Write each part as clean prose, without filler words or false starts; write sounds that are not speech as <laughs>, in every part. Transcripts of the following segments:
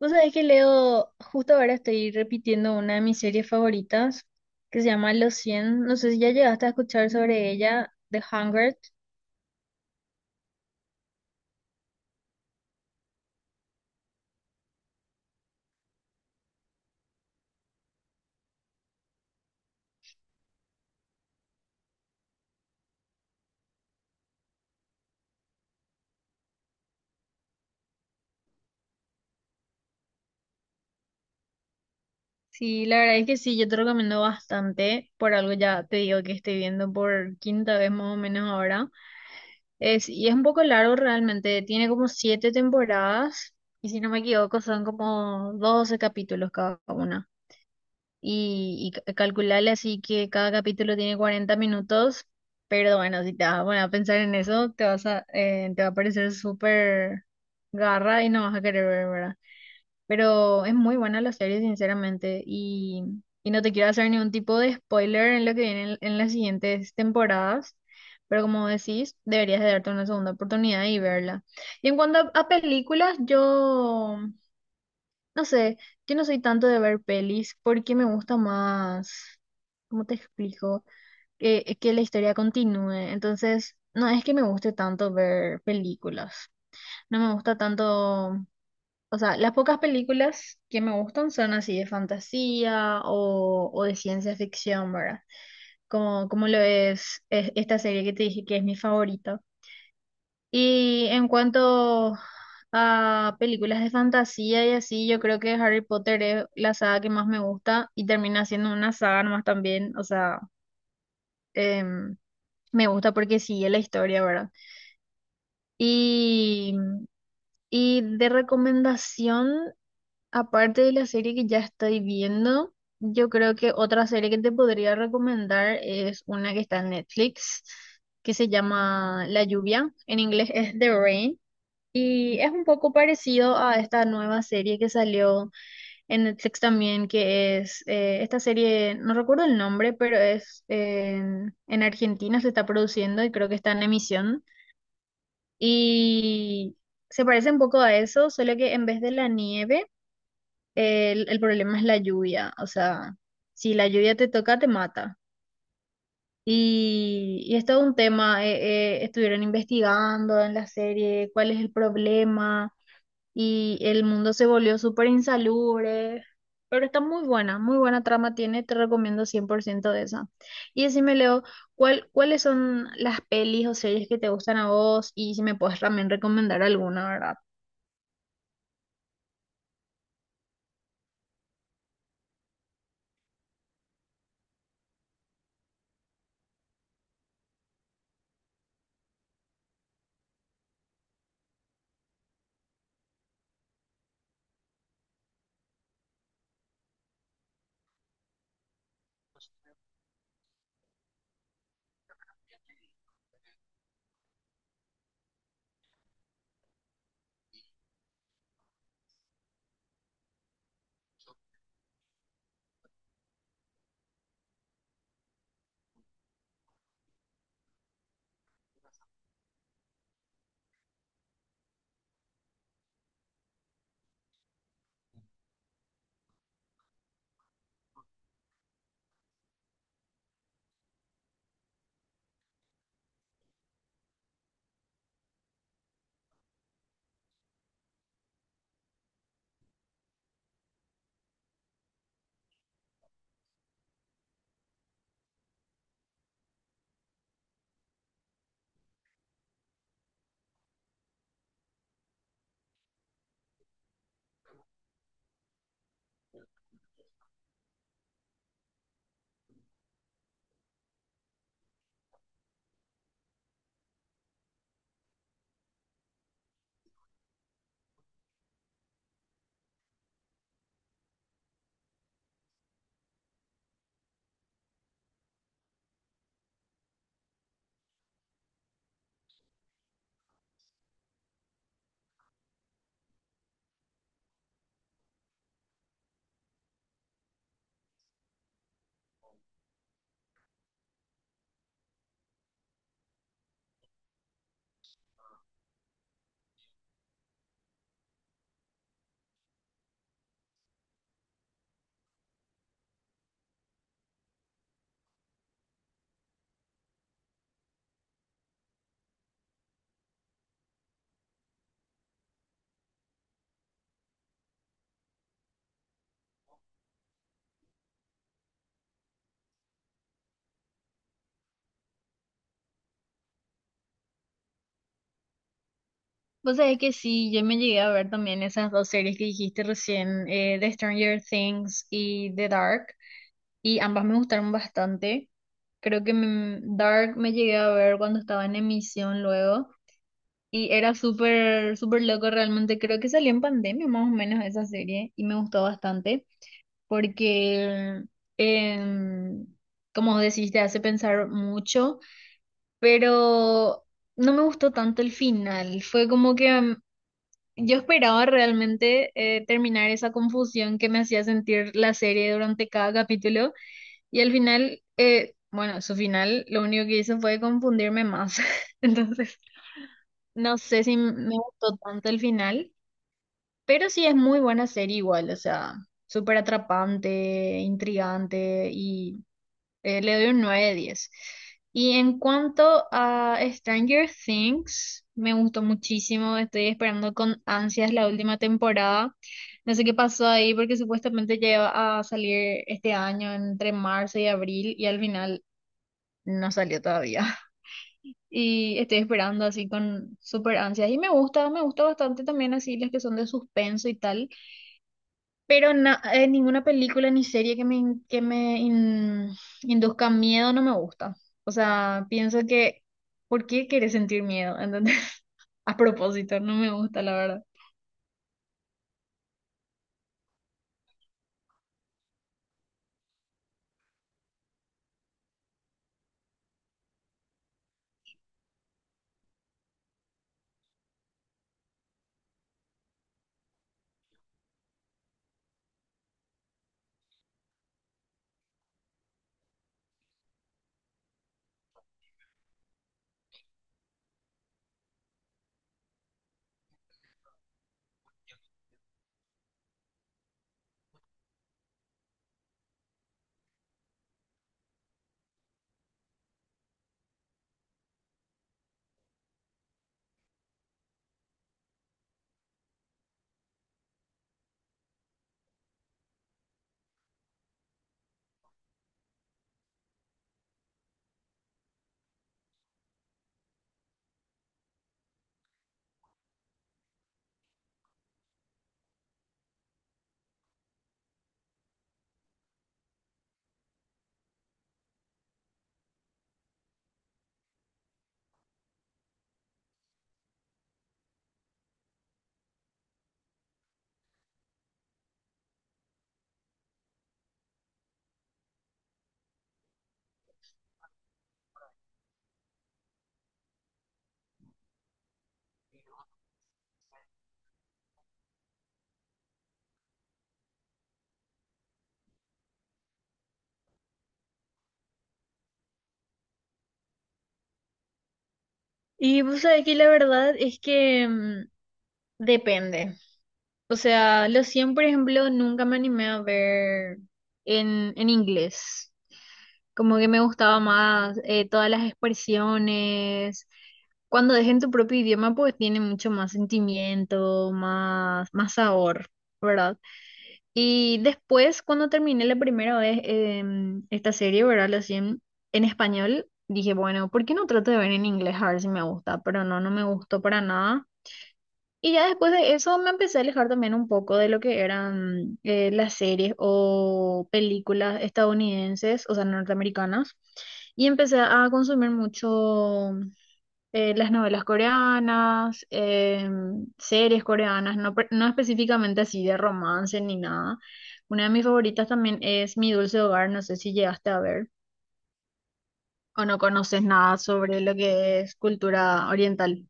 Vos sabés que leo, justo ahora estoy repitiendo una de mis series favoritas que se llama Los cien. No sé si ya llegaste a escuchar sobre ella, The Hunger. Sí, la verdad es que sí, yo te recomiendo bastante. Por algo ya te digo que estoy viendo por quinta vez más o menos ahora. Es, y es un poco largo realmente, tiene como siete temporadas y si no me equivoco son como 12 capítulos cada una. Y calcularle así que cada capítulo tiene 40 minutos, pero bueno, si te vas a poner a pensar en eso, te vas a, te va a parecer súper garra y no vas a querer ver, ¿verdad? Pero es muy buena la serie, sinceramente, y no te quiero hacer ningún tipo de spoiler en lo que viene en las siguientes temporadas. Pero como decís, deberías de darte una segunda oportunidad y verla. Y en cuanto a películas, yo no sé, yo no soy tanto de ver pelis porque me gusta más, ¿cómo te explico? Que la historia continúe. Entonces, no es que me guste tanto ver películas. No me gusta tanto, o sea, las pocas películas que me gustan son así de fantasía o de ciencia ficción, ¿verdad? Como, como lo es esta serie que te dije que es mi favorita. Y en cuanto a películas de fantasía y así, yo creo que Harry Potter es la saga que más me gusta y termina siendo una saga nomás también, o sea, em, me gusta porque sigue la historia, ¿verdad? Y, y de recomendación, aparte de la serie que ya estoy viendo, yo creo que otra serie que te podría recomendar es una que está en Netflix, que se llama La Lluvia, en inglés es The Rain. Y es un poco parecido a esta nueva serie que salió en Netflix también, que es esta serie, no recuerdo el nombre, pero es en Argentina se está produciendo y creo que está en emisión. Y se parece un poco a eso, solo que en vez de la nieve, el problema es la lluvia. O sea, si la lluvia te toca, te mata. Y es todo un tema, estuvieron investigando en la serie cuál es el problema y el mundo se volvió súper insalubre, pero está muy buena trama tiene, te recomiendo 100% de esa. Y decime, Leo, ¿ cuáles son las pelis o series que te gustan a vos? Y si me puedes también recomendar alguna, ¿verdad? Vos sabés que sí, yo me llegué a ver también esas dos series que dijiste recién, The Stranger Things y The Dark, y ambas me gustaron bastante. Creo que mm, Dark me llegué a ver cuando estaba en emisión luego. Y era súper, súper loco realmente. Creo que salió en pandemia más o menos esa serie y me gustó bastante porque, em, como decís, te hace pensar mucho, pero no me gustó tanto el final. Fue como que yo esperaba realmente terminar esa confusión que me hacía sentir la serie durante cada capítulo y al final, bueno, su final lo único que hizo fue confundirme más. <laughs> Entonces, no sé si me gustó tanto el final. Pero sí es muy buena serie igual, o sea, súper atrapante, intrigante y le doy un 9 de diez. Y en cuanto a Stranger Things, me gustó muchísimo, estoy esperando con ansias la última temporada. No sé qué pasó ahí porque supuestamente ya iba a salir este año entre marzo y abril y al final no salió todavía. <laughs> Y estoy esperando así con súper ansias. Y me gusta bastante también así las que son de suspenso y tal. Pero ninguna película ni serie que me induzca miedo no me gusta. O sea, pienso que, ¿por qué querés sentir miedo? ¿Entendés? <laughs> A propósito, no me gusta, la verdad. Y pues aquí la verdad es que mm, depende. O sea, los 100, por ejemplo, nunca me animé a ver en inglés. Como que me gustaba más todas las expresiones. Cuando es tu propio idioma, pues tiene mucho más sentimiento, más, más sabor, ¿verdad? Y después, cuando terminé la primera vez esta serie, ¿verdad? Los 100 en español, dije, bueno, ¿por qué no trato de ver en inglés a ver si me gusta? Pero no, no me gustó para nada. Y ya después de eso me empecé a alejar también un poco de lo que eran las series o películas estadounidenses, o sea, norteamericanas, y empecé a consumir mucho las novelas coreanas, series coreanas, no, no específicamente así de romance ni nada. Una de mis favoritas también es Mi Dulce Hogar, no sé si llegaste a ver o no conoces nada sobre lo que es cultura oriental.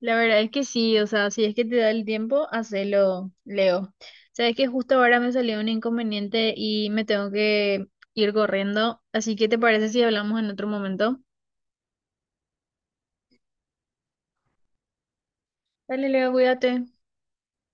La verdad es que sí, o sea, si es que te da el tiempo, hacelo, Leo. Sabes que justo ahora me salió un inconveniente y me tengo que ir corriendo, así que ¿te parece si hablamos en otro momento? Dale, Leo, cuídate.